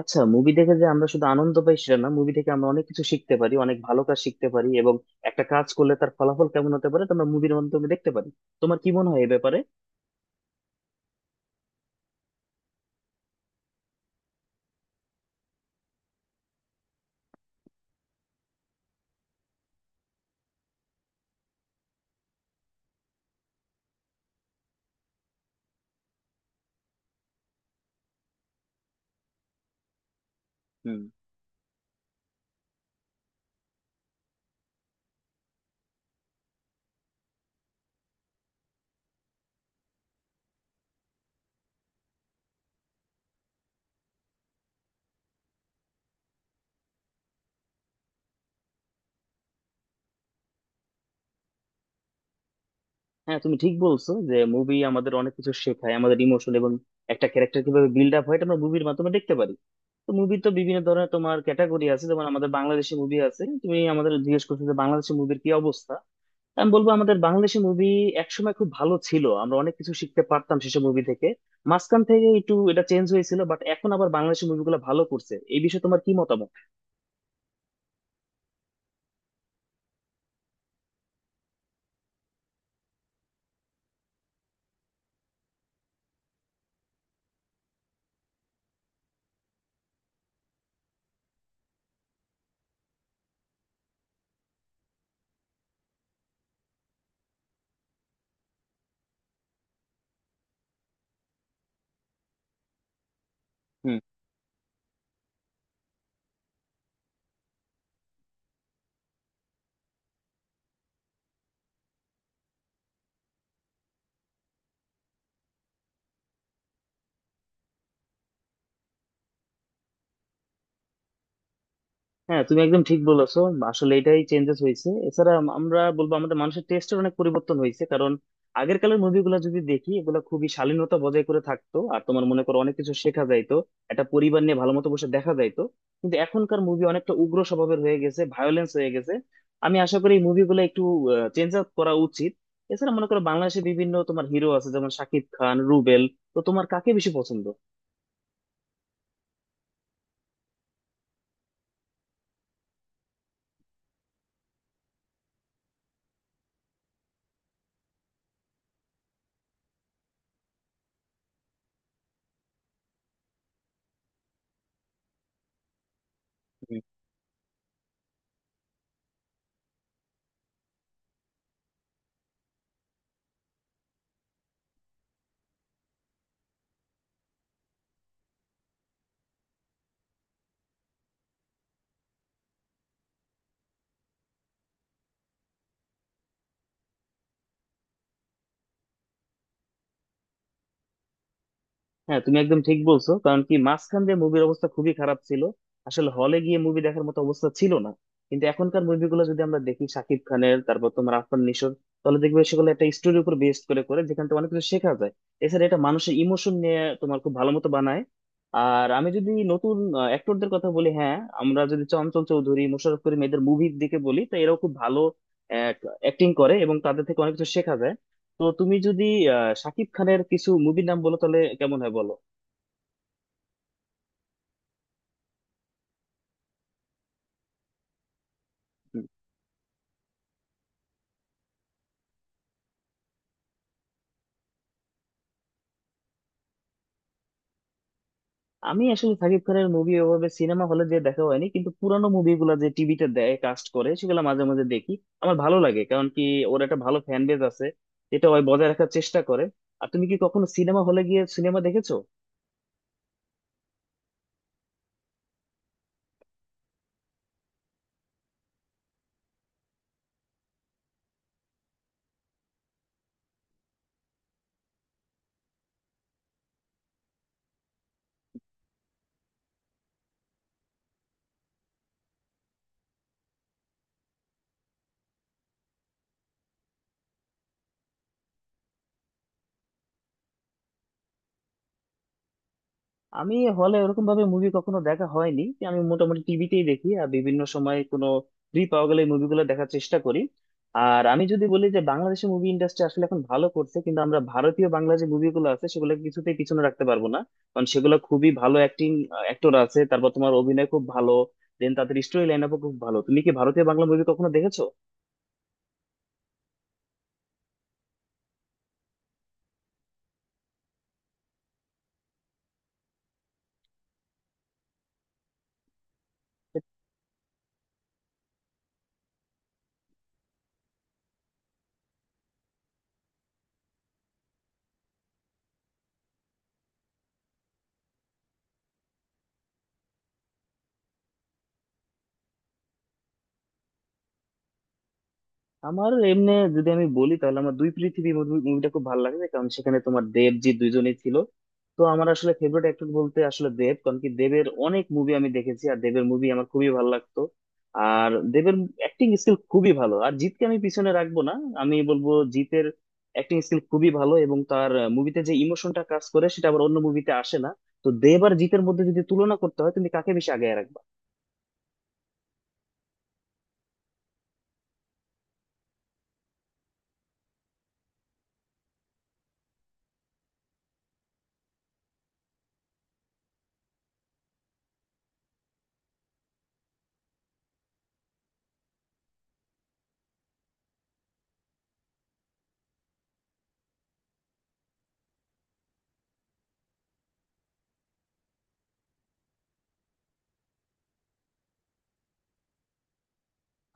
আচ্ছা, মুভি দেখে যে আমরা শুধু আনন্দ পাই সেটা না, মুভি থেকে আমরা অনেক কিছু শিখতে পারি, অনেক ভালো কাজ শিখতে পারি এবং একটা কাজ করলে তার ফলাফল কেমন হতে পারে তা আমরা মুভির মাধ্যমে দেখতে পারি। তোমার কি মনে হয় এ ব্যাপারে? হুম। হ্যাঁ, তুমি ঠিক বলছো যে মুভি আমাদের অনেক কিছু শেখায়, আমাদের ইমোশন এবং একটা ক্যারেক্টার কিভাবে বিল্ড আপ হয় এটা আমরা মুভির মাধ্যমে দেখতে পারি। তো মুভি তো বিভিন্ন ধরনের, তোমার ক্যাটাগরি আছে, যেমন আমাদের বাংলাদেশি মুভি আছে। তুমি আমাদের জিজ্ঞেস করছো যে বাংলাদেশি মুভির কি অবস্থা। আমি বলবো আমাদের বাংলাদেশি মুভি একসময় খুব ভালো ছিল, আমরা অনেক কিছু শিখতে পারতাম সেসব মুভি থেকে। মাঝখান থেকে একটু এটা চেঞ্জ হয়েছিল, বাট এখন আবার বাংলাদেশি মুভিগুলো ভালো করছে। এই বিষয়ে তোমার কি মতামত? হ্যাঁ, তুমি একদম ঠিক বলেছো। আসলে এটাই চেঞ্জেস হয়েছে। এছাড়া আমরা বলবো আমাদের মানুষের টেস্টের অনেক পরিবর্তন হয়েছে। কারণ আগের কালের মুভিগুলো যদি দেখি, এগুলো খুবই শালীনতা বজায় করে থাকতো আর তোমার মনে করো অনেক কিছু শেখা যাইতো, একটা পরিবার নিয়ে ভালো মতো বসে দেখা যাইতো। কিন্তু এখনকার মুভি অনেকটা উগ্র স্বভাবের হয়ে গেছে, ভায়োলেন্স হয়ে গেছে। আমি আশা করি এই মুভিগুলো একটু চেঞ্জ আপ করা উচিত। এছাড়া মনে করো বাংলাদেশে বিভিন্ন তোমার হিরো আছে, যেমন শাকিব খান, রুবেল। তো তোমার কাকে বেশি পছন্দ? হ্যাঁ, তুমি একদম ঠিক বলছো। কারণ কি, মাঝখান দিয়ে মুভির অবস্থা খুবই খারাপ ছিল, আসলে হলে গিয়ে মুভি দেখার মতো অবস্থা ছিল না। কিন্তু এখনকার মুভিগুলো যদি আমরা দেখি, শাকিব খানের, তারপর তোমার আরফান নিশোর, তাহলে দেখবে সেগুলো একটা স্টোরির উপর বেস করে করে, যেখান থেকে অনেক কিছু শেখা যায়। এছাড়া এটা মানুষের ইমোশন নিয়ে তোমার খুব ভালো মতো বানায়। আর আমি যদি নতুন অ্যাক্টরদের কথা বলি, হ্যাঁ, আমরা যদি চঞ্চল চৌধুরী, মোশাররফ করিম, এদের মুভির দিকে বলি, তো এরাও খুব ভালো অ্যাক্টিং করে এবং তাদের থেকে অনেক কিছু শেখা যায়। তো তুমি যদি শাকিব খানের কিছু মুভির নাম বলো তাহলে কেমন হয়, বলো। আমি আসলে সাকিব খানের মুভি ওভাবে সিনেমা হলে যে দেখা হয়নি, কিন্তু পুরানো মুভিগুলো যে টিভিতে দেয়, কাস্ট করে, সেগুলো মাঝে মাঝে দেখি। আমার ভালো লাগে, কারণ কি ওর একটা ভালো ফ্যান বেজ আছে, যেটা ওই বজায় রাখার চেষ্টা করে। আর তুমি কি কখনো সিনেমা হলে গিয়ে সিনেমা দেখেছো? আমি হলে ওরকম ভাবে মুভি কখনো দেখা হয়নি, আমি মোটামুটি টিভিতেই দেখি, আর বিভিন্ন সময় কোনো ফ্রি পাওয়া গেলে মুভিগুলো দেখার চেষ্টা করি। আর আমি যদি বলি যে বাংলাদেশের মুভি ইন্ডাস্ট্রি আসলে এখন ভালো করছে, কিন্তু আমরা ভারতীয় বাংলা যে মুভিগুলো আছে সেগুলো কিছুতেই পিছনে রাখতে পারবো না। কারণ সেগুলো খুবই ভালো অ্যাক্টিং, অ্যাক্টর আছে, তারপর তোমার অভিনয় খুব ভালো, দেন তাদের স্টোরি লাইন আপও খুব ভালো। তুমি কি ভারতীয় বাংলা মুভি কখনো দেখেছো? আমার এমনি যদি আমি বলি, তাহলে আমার দুই পৃথিবী মুভিটা খুব ভালো লাগে, কারণ সেখানে তোমার দেব, জি, দুইজনেই ছিল। তো আমার আসলে ফেভারিট অ্যাক্টর বলতে আসলে দেব, কারণ কি দেবের অনেক মুভি আমি দেখেছি আর দেবের মুভি আমার খুবই ভালো লাগতো। আর দেবের অ্যাক্টিং স্কিল খুবই ভালো। আর জিতকে আমি পিছনে রাখবো না, আমি বলবো জিতের অ্যাক্টিং স্কিল খুবই ভালো, এবং তার মুভিতে যে ইমোশনটা কাজ করে সেটা আবার অন্য মুভিতে আসে না। তো দেব আর জিতের মধ্যে যদি তুলনা করতে হয়, তুমি কাকে বেশি আগে রাখবে?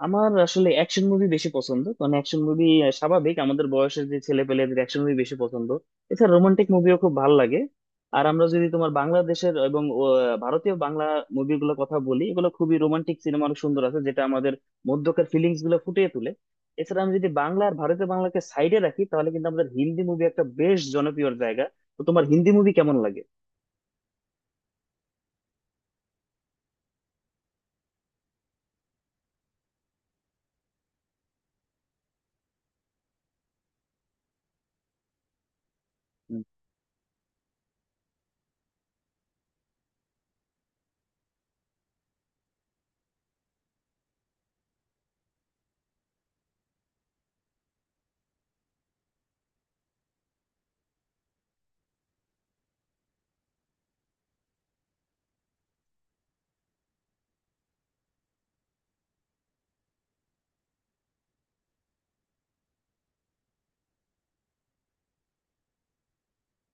আমার আসলে অ্যাকশন মুভি বেশি পছন্দ, কারণ অ্যাকশন মুভি স্বাভাবিক আমাদের বয়সের যে ছেলে পেলেদের অ্যাকশন মুভি বেশি পছন্দ। এছাড়া রোমান্টিক মুভিও খুব ভালো লাগে। আর আমরা যদি তোমার বাংলাদেশের এবং ভারতীয় বাংলা মুভিগুলোর কথা বলি, এগুলো খুবই রোমান্টিক, সিনেমা অনেক সুন্দর আছে যেটা আমাদের মধ্যকার ফিলিংস গুলো ফুটিয়ে তোলে। এছাড়া আমি যদি বাংলা আর ভারতীয় বাংলাকে সাইডে রাখি, তাহলে কিন্তু আমাদের হিন্দি মুভি একটা বেশ জনপ্রিয় জায়গা। তো তোমার হিন্দি মুভি কেমন লাগে? হুম।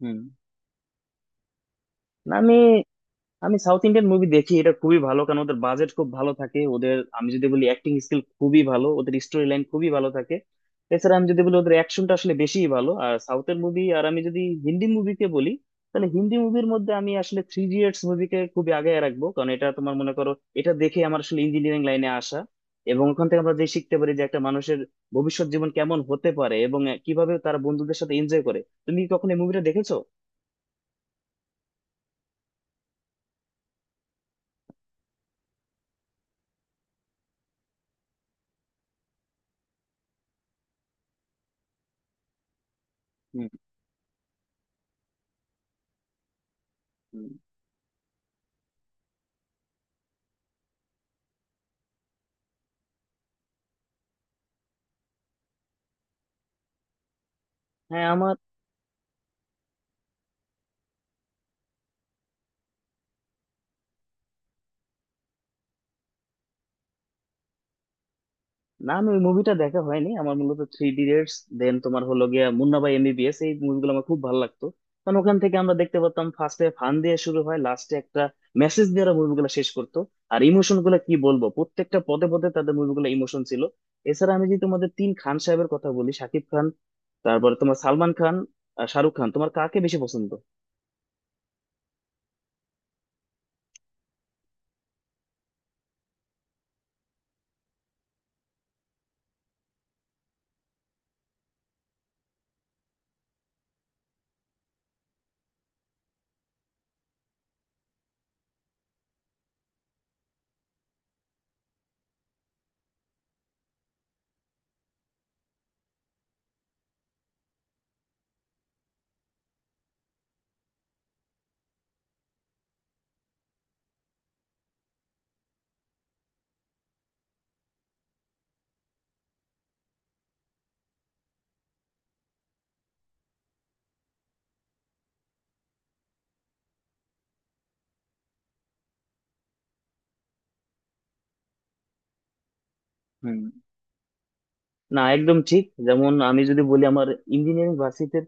হুম। না, আমি আমি সাউথ ইন্ডিয়ান মুভি দেখি, এটা খুবই ভালো কারণ ওদের বাজেট খুব ভালো থাকে, ওদের আমি যদি বলি অ্যাক্টিং স্কিল খুবই ভালো, ওদের স্টোরি লাইন খুবই ভালো থাকে। এছাড়া আমি যদি বলি ওদের অ্যাকশনটা আসলে বেশিই ভালো আর সাউথের মুভি। আর আমি যদি হিন্দি মুভিকে বলি, তাহলে হিন্দি মুভির মধ্যে আমি আসলে থ্রি ইডিয়টস মুভিকে খুবই আগে রাখবো, কারণ এটা তোমার মনে করো এটা দেখে আমার আসলে ইঞ্জিনিয়ারিং লাইনে আসা, এবং ওখান থেকে আমরা যে শিখতে পারি যে একটা মানুষের ভবিষ্যৎ জীবন কেমন হতে পারে এবং কিভাবে তারা বন্ধুদের সাথে এনজয় করে। তুমি কি কখনো এই মুভিটা দেখেছো? হুম। হুম। হ্যাঁ, আমার। না, আমি ওই মুভিটা দেখা হয়নি, আমার মূলত থ্রি ইডিয়টস, দেন তোমার হলো গিয়া মুন্না ভাই এমবিবিএস, এই মুভিগুলো আমার খুব ভালো লাগতো। কারণ ওখান থেকে আমরা দেখতে পারতাম ফার্স্টে ফান দিয়ে শুরু হয়, লাস্টে একটা মেসেজ দিয়ে ওরা মুভিগুলো শেষ করতো। আর ইমোশন গুলো কি বলবো, প্রত্যেকটা পদে পদে তাদের মুভিগুলো ইমোশন ছিল। এছাড়া আমি যদি তোমাদের তিন খান সাহেবের কথা বলি, শাকিব খান, তারপরে তোমার সালমান খান, আর শাহরুখ খান, তোমার কাকে বেশি পছন্দ? হুম। না, একদম ঠিক। যেমন আমি যদি বলি, আমার ইঞ্জিনিয়ারিং ভার্সিটিতে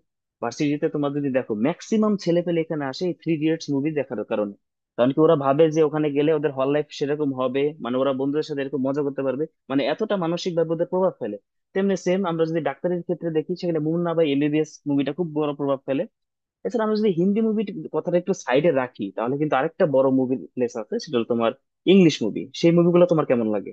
ভার্সিটিতে তোমার যদি দেখো ম্যাক্সিমাম ছেলে পেলে এখানে আসে এই থ্রি ইডিয়টস মুভি দেখার কারণে। কারণ কি ওরা ভাবে যে ওখানে গেলে ওদের হল লাইফ সেরকম হবে, মানে ওরা বন্ধুদের সাথে এরকম মজা করতে পারবে। মানে এতটা মানসিক ভাবে ওদের প্রভাব ফেলে। তেমনি সেম আমরা যদি ডাক্তারের ক্ষেত্রে দেখি, সেখানে মুন্না বা এমবিবিএস মুভিটা খুব বড় প্রভাব ফেলে। এছাড়া আমরা যদি হিন্দি মুভি কথাটা একটু সাইডে রাখি, তাহলে কিন্তু আরেকটা বড় মুভি প্লেস আছে, সেটা হলো তোমার ইংলিশ মুভি। সেই মুভিগুলো তোমার কেমন লাগে?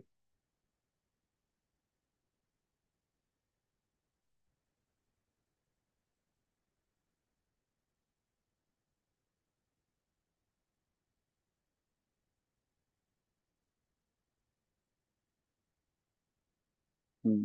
হুম।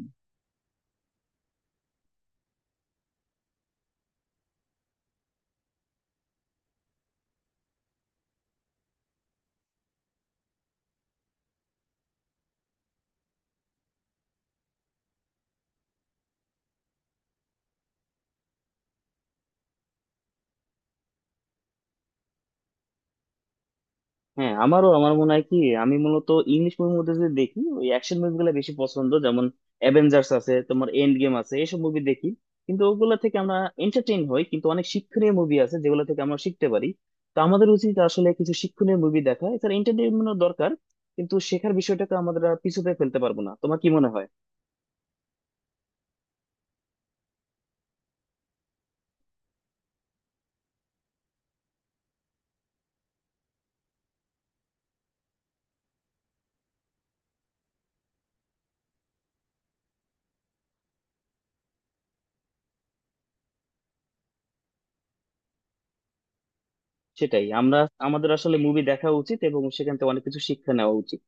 হ্যাঁ, আমারও। আমার মনে হয় কি, আমি মূলত ইংলিশ মুভির মধ্যে যদি দেখি, ওই অ্যাকশন মুভিগুলো বেশি পছন্দ, যেমন অ্যাভেঞ্জার্স আছে, তোমার এন্ড গেম আছে, এইসব মুভি দেখি। কিন্তু ওগুলো থেকে আমরা এন্টারটেইন হই, কিন্তু অনেক শিক্ষণীয় মুভি আছে যেগুলো থেকে আমরা শিখতে পারি। তো আমাদের উচিত আসলে কিছু শিক্ষণীয় মুভি দেখা, এছাড়া এন্টারটেইনমেন্টও দরকার, কিন্তু শেখার বিষয়টাকে আমাদের আর পিছুতে ফেলতে পারবো না। তোমার কি মনে হয়? সেটাই। আমরা, আমাদের আসলে মুভি দেখা উচিত এবং সেখান থেকে অনেক কিছু শিক্ষা নেওয়া উচিত।